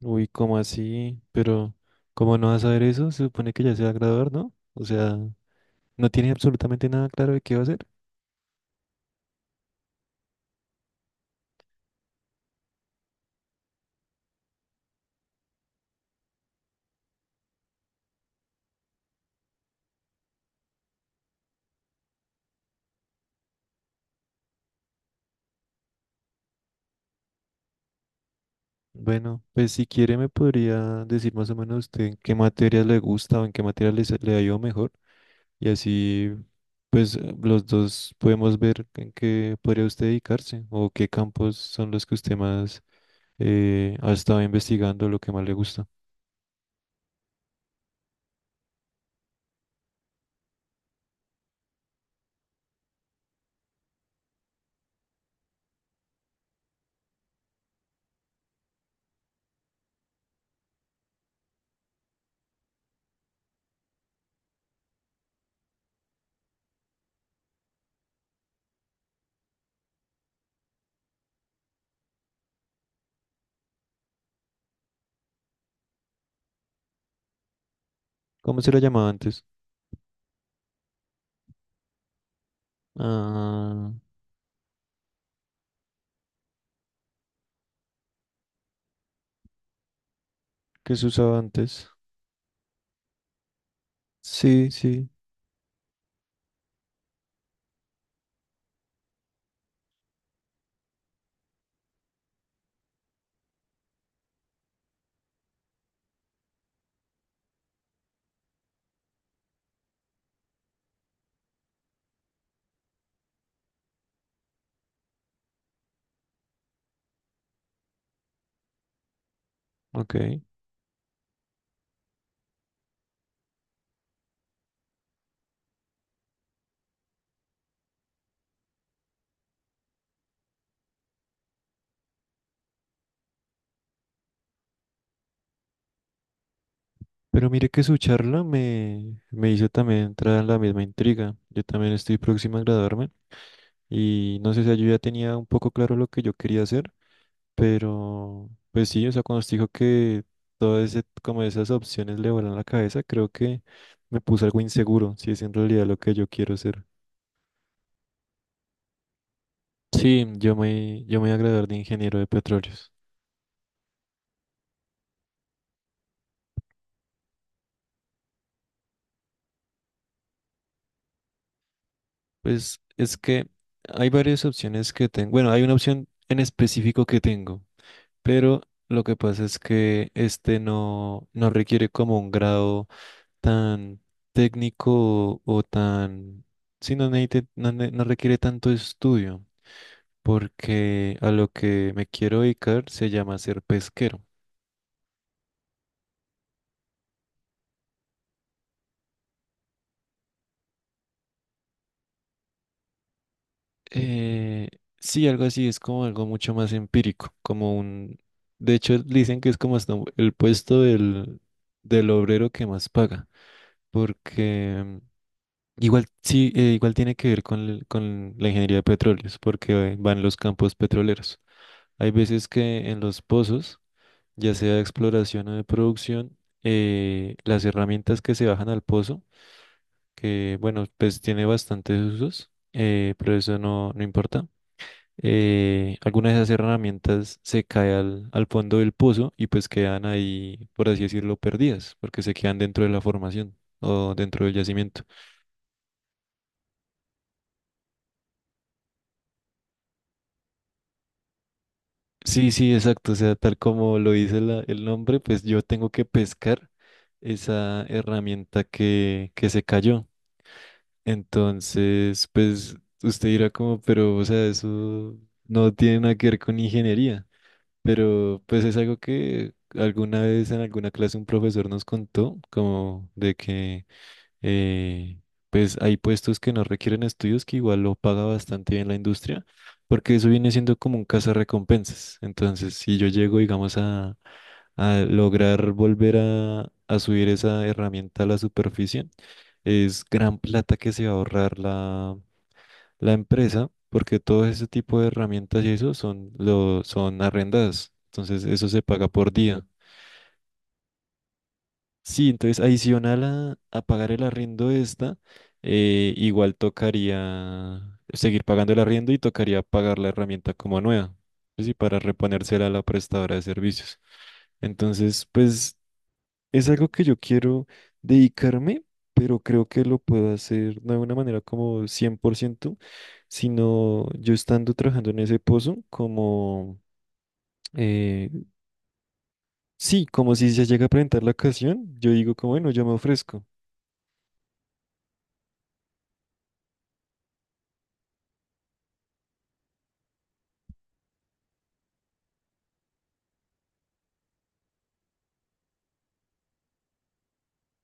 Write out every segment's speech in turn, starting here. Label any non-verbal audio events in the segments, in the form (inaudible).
Uy, ¿cómo así? ¿Cómo no vas a ver eso? Se supone que ya se va a graduar, ¿no? O sea, no tiene absolutamente nada claro de qué va a hacer. Bueno, pues si quiere me podría decir más o menos usted en qué materias le gusta o en qué le ha ido mejor. Y así, pues los dos podemos ver en qué podría usted dedicarse o qué campos son los que usted más ha estado investigando, lo que más le gusta. ¿Cómo se le llamaba antes? Ah, ¿qué se usaba antes? Sí, sí, ok. Pero mire que su charla me hizo también entrar en la misma intriga. Yo también estoy próxima a graduarme y no sé si yo ya tenía un poco claro lo que yo quería hacer, pero pues sí, o sea, cuando usted dijo que todas ese, como esas opciones le volaron la cabeza, creo que me puse algo inseguro, si es en realidad lo que yo quiero hacer. Sí, yo me voy a graduar de ingeniero de petróleos. Pues es que hay varias opciones que tengo. Bueno, hay una opción en específico que tengo. Pero lo que pasa es que este no requiere como un grado tan técnico o tan... Sí, no requiere tanto estudio, porque a lo que me quiero dedicar se llama ser pesquero. Eh, sí, algo así, es como algo mucho más empírico, como un... De hecho, dicen que es como hasta el puesto del obrero que más paga, porque... Igual sí, igual tiene que ver con la ingeniería de petróleos, porque van los campos petroleros. Hay veces que en los pozos, ya sea de exploración o de producción, las herramientas que se bajan al pozo, que bueno, pues tiene bastantes usos, pero eso no importa. Algunas de esas herramientas se caen al fondo del pozo y pues quedan ahí, por así decirlo, perdidas, porque se quedan dentro de la formación o dentro del yacimiento. Sí, sí, exacto. O sea, tal como lo dice el nombre, pues yo tengo que pescar esa herramienta que se cayó. Entonces, pues usted dirá como, pero, o sea, eso no tiene nada que ver con ingeniería. Pero, pues es algo que alguna vez en alguna clase un profesor nos contó, como de que eh, pues hay puestos que no requieren estudios que igual lo paga bastante bien la industria, porque eso viene siendo como un cazarrecompensas. Entonces, si yo llego, digamos, a lograr volver a subir esa herramienta a la superficie, es gran plata que se va a ahorrar la empresa, porque todo ese tipo de herramientas y eso son, lo, son arrendadas. Entonces, eso se paga por día. Sí, entonces adicional a pagar el arriendo de esta, igual tocaría seguir pagando el arriendo y tocaría pagar la herramienta como nueva, ¿sí? Para reponérsela a la prestadora de servicios. Entonces, pues es algo que yo quiero dedicarme, pero creo que lo puedo hacer no de una manera como 100%, sino yo estando trabajando en ese pozo, como, eh, sí, como si se llega a presentar la ocasión, yo digo como, bueno, yo me ofrezco.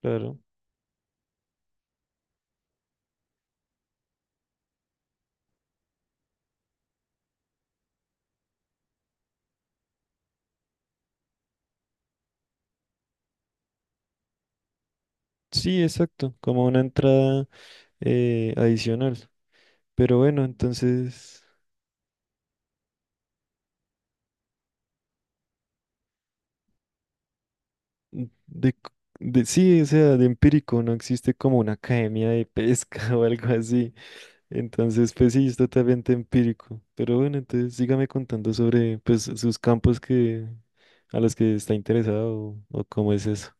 Claro. Sí, exacto, como una entrada adicional. Pero bueno, entonces, mm, de, c- sí, o sea, de empírico no existe como una academia de pesca (laughs) o algo así. Entonces, pues sí, es totalmente empírico. Pero bueno, entonces sígame contando sobre pues sus campos que a los que está interesado o cómo es eso.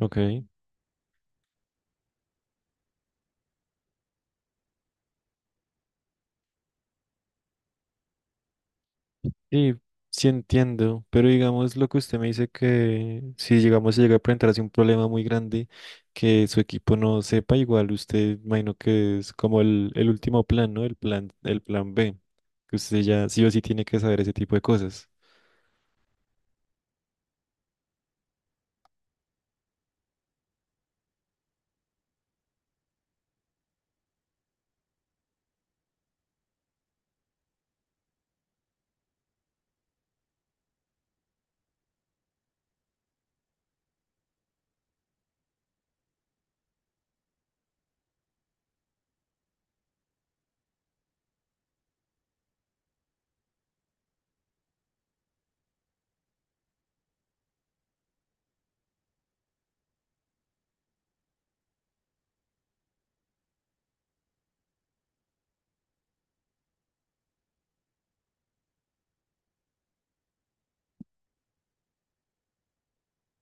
Ok. Sí, sí entiendo, pero digamos lo que usted me dice que si llegamos a llegar a presentarse un problema muy grande que su equipo no sepa, igual usted imagino que es como el último plan, ¿no? El plan, el plan B, que usted ya sí o sí tiene que saber ese tipo de cosas.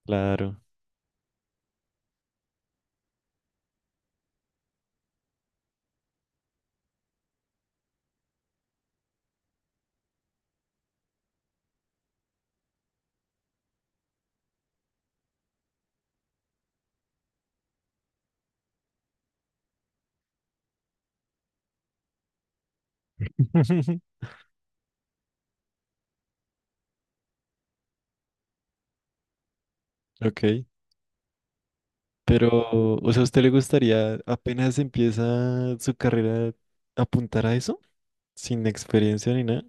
Claro. (laughs) Ok, pero o sea, ¿a usted le gustaría apenas empieza su carrera apuntar a eso? Sin experiencia ni nada.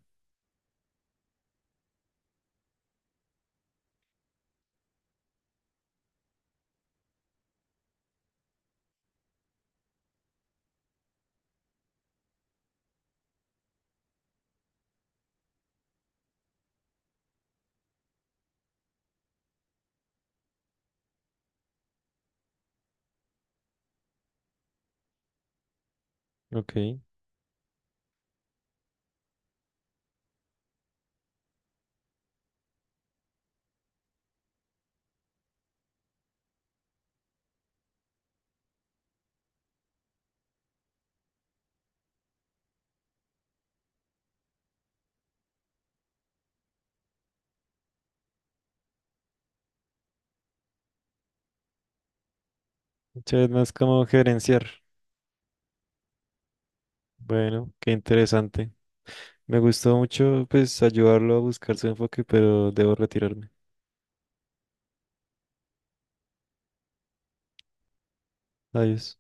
Ok. Muchas más como gerenciar. Bueno, qué interesante. Me gustó mucho, pues, ayudarlo a buscar su enfoque, pero debo retirarme. Adiós.